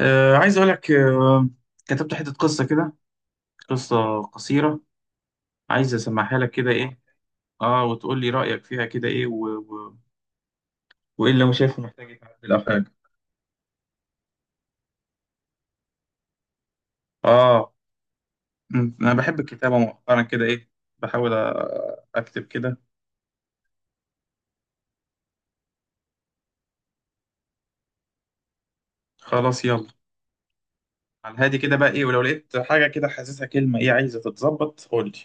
عايز أقول لك، كتبت حتة قصة كده. قصة قصيرة، عايز أسمعها لك كده، إيه، وتقول لي رأيك فيها كده، إيه، وإيه اللي أنا شايفه محتاج يتعدل أو حاجة. آه. أنا بحب الكتابة مؤخرا كده، إيه، بحاول أكتب كده. خلاص يلا. على الهادي كده بقى، إيه، ولو لقيت حاجة كده حاسسها كلمة، إيه، عايزة تتظبط قول لي.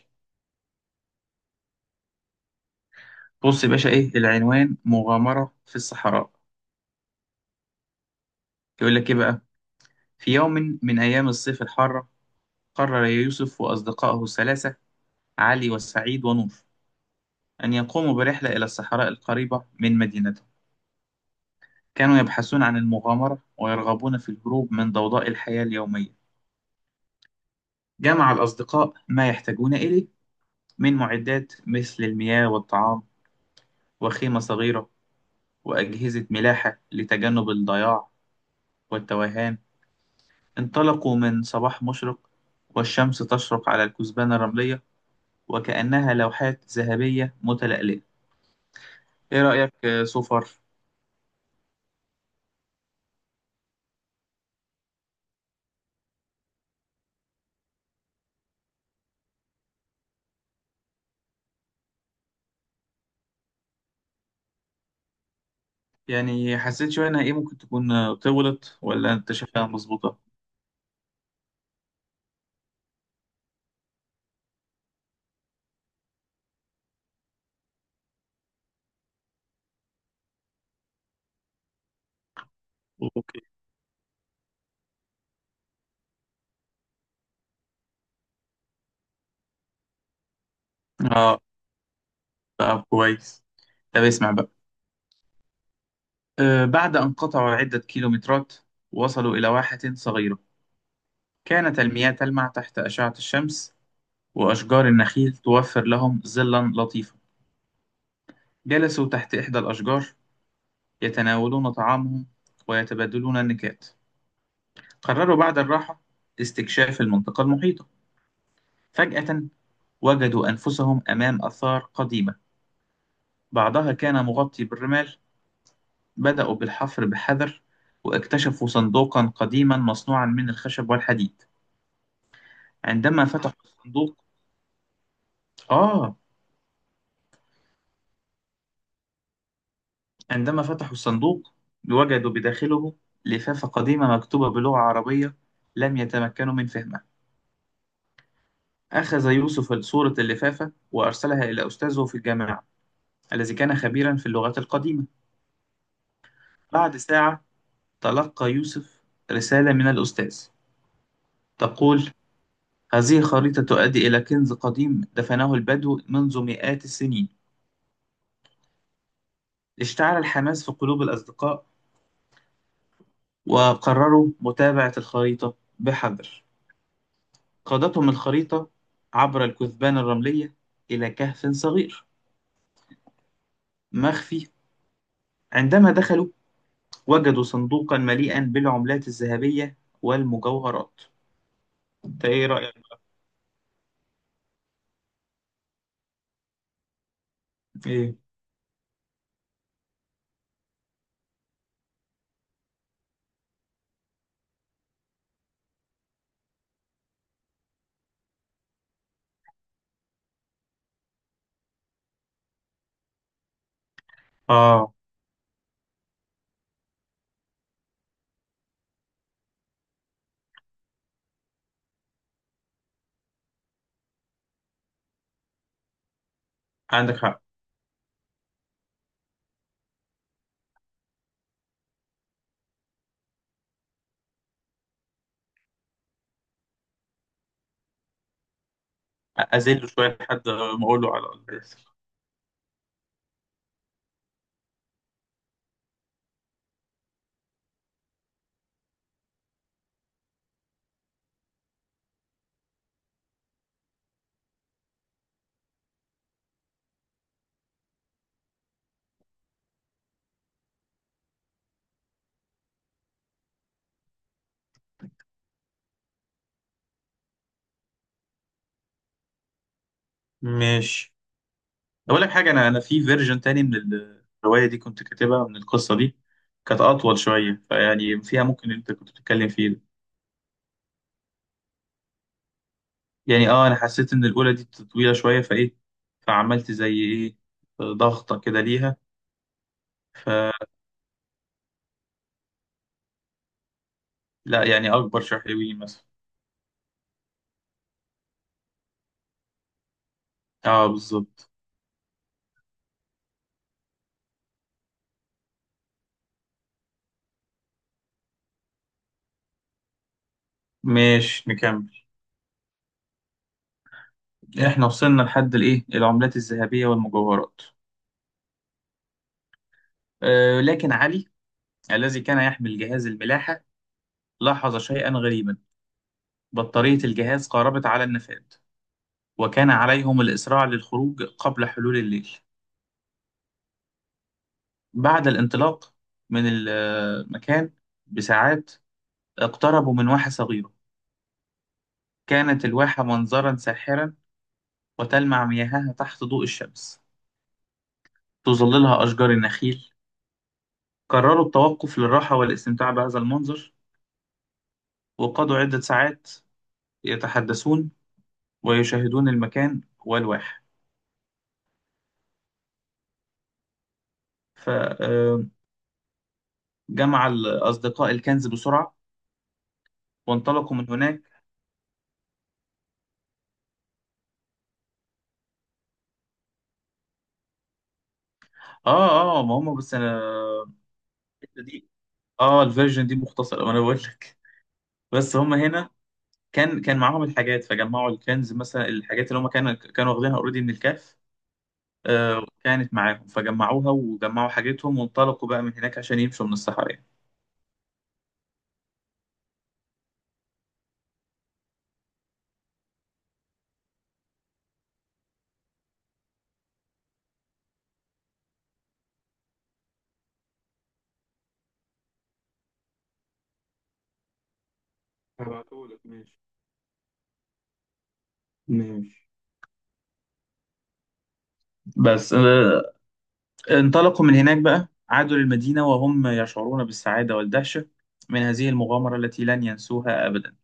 بص يا باشا، إيه العنوان؟ مغامرة في الصحراء. يقول لك إيه بقى. في يوم من أيام الصيف الحارة، قرر يوسف وأصدقائه الثلاثة، علي وسعيد ونور، أن يقوموا برحلة إلى الصحراء القريبة من مدينتهم. كانوا يبحثون عن المغامرة ويرغبون في الهروب من ضوضاء الحياة اليومية. جمع الأصدقاء ما يحتاجون إليه من معدات، مثل المياه والطعام وخيمة صغيرة وأجهزة ملاحة لتجنب الضياع والتوهان. انطلقوا من صباح مشرق والشمس تشرق على الكثبان الرملية وكأنها لوحات ذهبية متلألئة. إيه رأيك سوفر؟ يعني حسيت شوية إنها، إيه، ممكن تكون طولت ولا أنت شايفها مظبوطة؟ اوكي. آه، طب كويس. طب اسمع بقى. آه، بعد أن قطعوا عدة كيلومترات وصلوا إلى واحة صغيرة. كانت المياه تلمع تحت أشعة الشمس وأشجار النخيل توفر لهم ظلا لطيفا. جلسوا تحت إحدى الأشجار يتناولون طعامهم ويتبادلون النكات. قرروا بعد الراحة استكشاف المنطقة المحيطة. فجأة وجدوا أنفسهم أمام آثار قديمة بعضها كان مغطي بالرمال. بدأوا بالحفر بحذر واكتشفوا صندوقا قديما مصنوعا من الخشب والحديد. عندما فتحوا الصندوق، آه عندما فتحوا الصندوق وجدوا بداخله لفافة قديمة مكتوبة بلغة عربية لم يتمكنوا من فهمها. أخذ يوسف صورة اللفافة وأرسلها إلى أستاذه في الجامعة الذي كان خبيرا في اللغات القديمة. بعد ساعة تلقى يوسف رسالة من الأستاذ تقول: هذه الخريطة تؤدي إلى كنز قديم دفنه البدو منذ مئات السنين. اشتعل الحماس في قلوب الأصدقاء وقرروا متابعة الخريطة بحذر. قادتهم الخريطة عبر الكثبان الرملية إلى كهف صغير مخفي. عندما دخلوا وجدوا صندوقا مليئا بالعملات الذهبية والمجوهرات. انت ايه رأيك؟ ايه؟ اه، عندك حق. أزله شوية لحد ما أقوله على اللي بيحصل. ماشي. اقول لك حاجه، انا في فيرجن تاني من الروايه دي كنت كاتبها، من القصه دي. كانت اطول شويه، فيعني فيها ممكن انت كنت بتتكلم فيه ده. يعني اه، انا حسيت ان الاولى دي طويله شويه، فايه، فعملت زي ايه، ضغطه كده ليها. فلا. يعني اكبر شحيوي مثلا. اه بالظبط. ماشي نكمل. احنا وصلنا لحد الايه، العملات الذهبيه والمجوهرات. آه لكن علي، الذي كان يحمل جهاز الملاحه، لاحظ شيئا غريبا. بطاريه الجهاز قاربت على النفاد، وكان عليهم الإسراع للخروج قبل حلول الليل. بعد الانطلاق من المكان بساعات اقتربوا من واحة صغيرة. كانت الواحة منظرا ساحرا وتلمع مياهها تحت ضوء الشمس، تظللها أشجار النخيل. قرروا التوقف للراحة والاستمتاع بهذا المنظر، وقضوا عدة ساعات يتحدثون ويشاهدون المكان والواحة. فجمع الأصدقاء الكنز بسرعة وانطلقوا من هناك. آه آه، ما هم، بس أنا الحتة دي، اه الفيرجن دي مختصرة، وانا بقول لك. بس هم هنا كان معاهم الحاجات، فجمعوا الكنز مثلا الحاجات اللي هم كانوا واخدينها اوريدي من الكهف، آه كانت معاهم، فجمعوها وجمعوا حاجتهم وانطلقوا بقى من هناك عشان يمشوا من الصحراء يعني. هبعتهولك. ماشي ماشي. بس انطلقوا من هناك بقى، عادوا للمدينة وهم يشعرون بالسعادة والدهشة من هذه المغامرة التي لن ينسوها أبدا.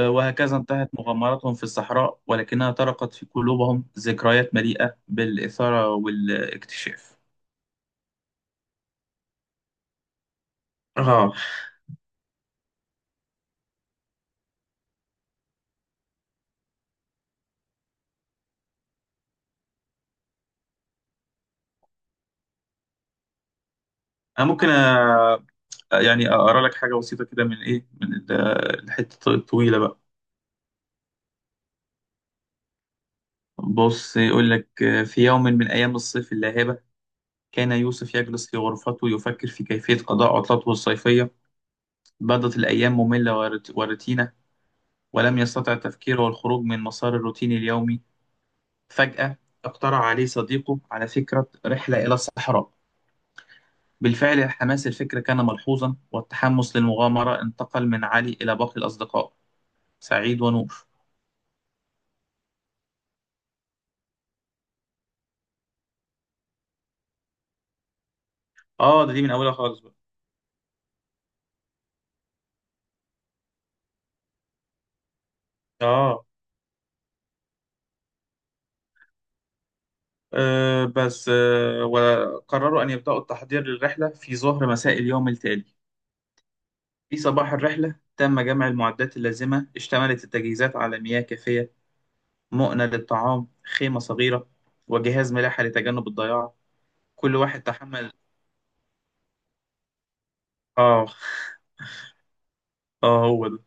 وهكذا انتهت مغامراتهم في الصحراء ولكنها طرقت في قلوبهم ذكريات مليئة بالإثارة والاكتشاف. اه. انا ممكن يعني اقرا لك حاجة بسيطة كده من، ايه، الحتة الطويلة بقى. بص يقول لك، في يوم من أيام الصيف اللاهبة، كان يوسف يجلس في غرفته يفكر في كيفية قضاء عطلته الصيفية. بدت الأيام مملة وروتينة، ولم يستطع التفكير والخروج من مسار الروتين اليومي. فجأة اقترح عليه صديقه على فكرة رحلة إلى الصحراء. بالفعل حماس الفكرة كان ملحوظا، والتحمس للمغامرة انتقل من علي إلى باقي الأصدقاء، سعيد ونور. آه، ده دي من أولها خالص بقى. آه. آه، بس آه وقرروا أن يبدأوا التحضير للرحلة في ظهر مساء اليوم التالي. في صباح الرحلة تم جمع المعدات اللازمة. اشتملت التجهيزات على مياه كافية، مؤنة للطعام، خيمة صغيرة، وجهاز ملاحة لتجنب الضياع. كل واحد تحمل، آه. اه هو ده.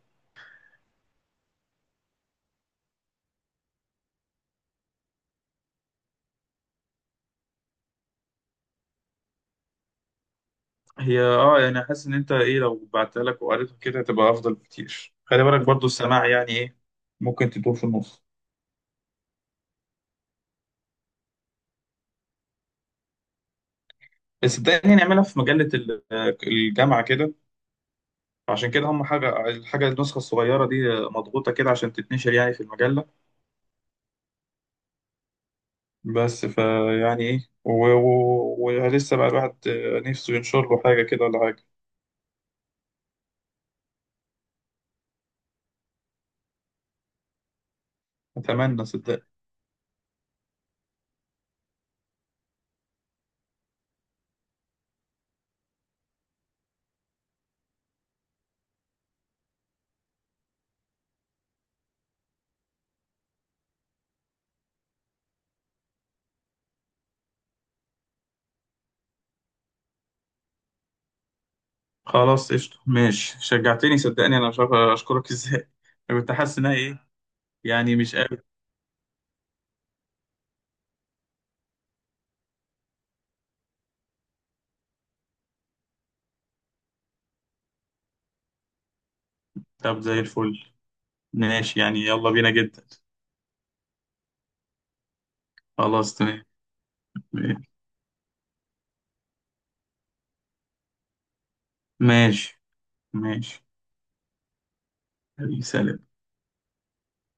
هي اه، يعني حاسس ان انت، ايه، لو بعتها لك وقريتها كده هتبقى افضل بكتير. خلي بالك برضو السماع يعني ايه. ممكن تدور في النص. بس صدقني نعملها في مجلة الجامعة كده. عشان كده هم حاجة، الحاجة النسخة الصغيرة دي مضغوطة كده عشان تتنشر يعني في المجلة. بس فيعني ايه، ولسه بقى الواحد نفسه ينشر له حاجة كده ولا حاجة. أتمنى صدقني. خلاص قشطة ماشي. شجعتني صدقني، أنا مش عارف أشكرك إزاي. أنا كنت حاسس إنها إيه، يعني مش. طب زي الفل. ماشي يعني، يلا بينا جدا. خلاص تمام. ماشي ماشي. حبيبي، سلام.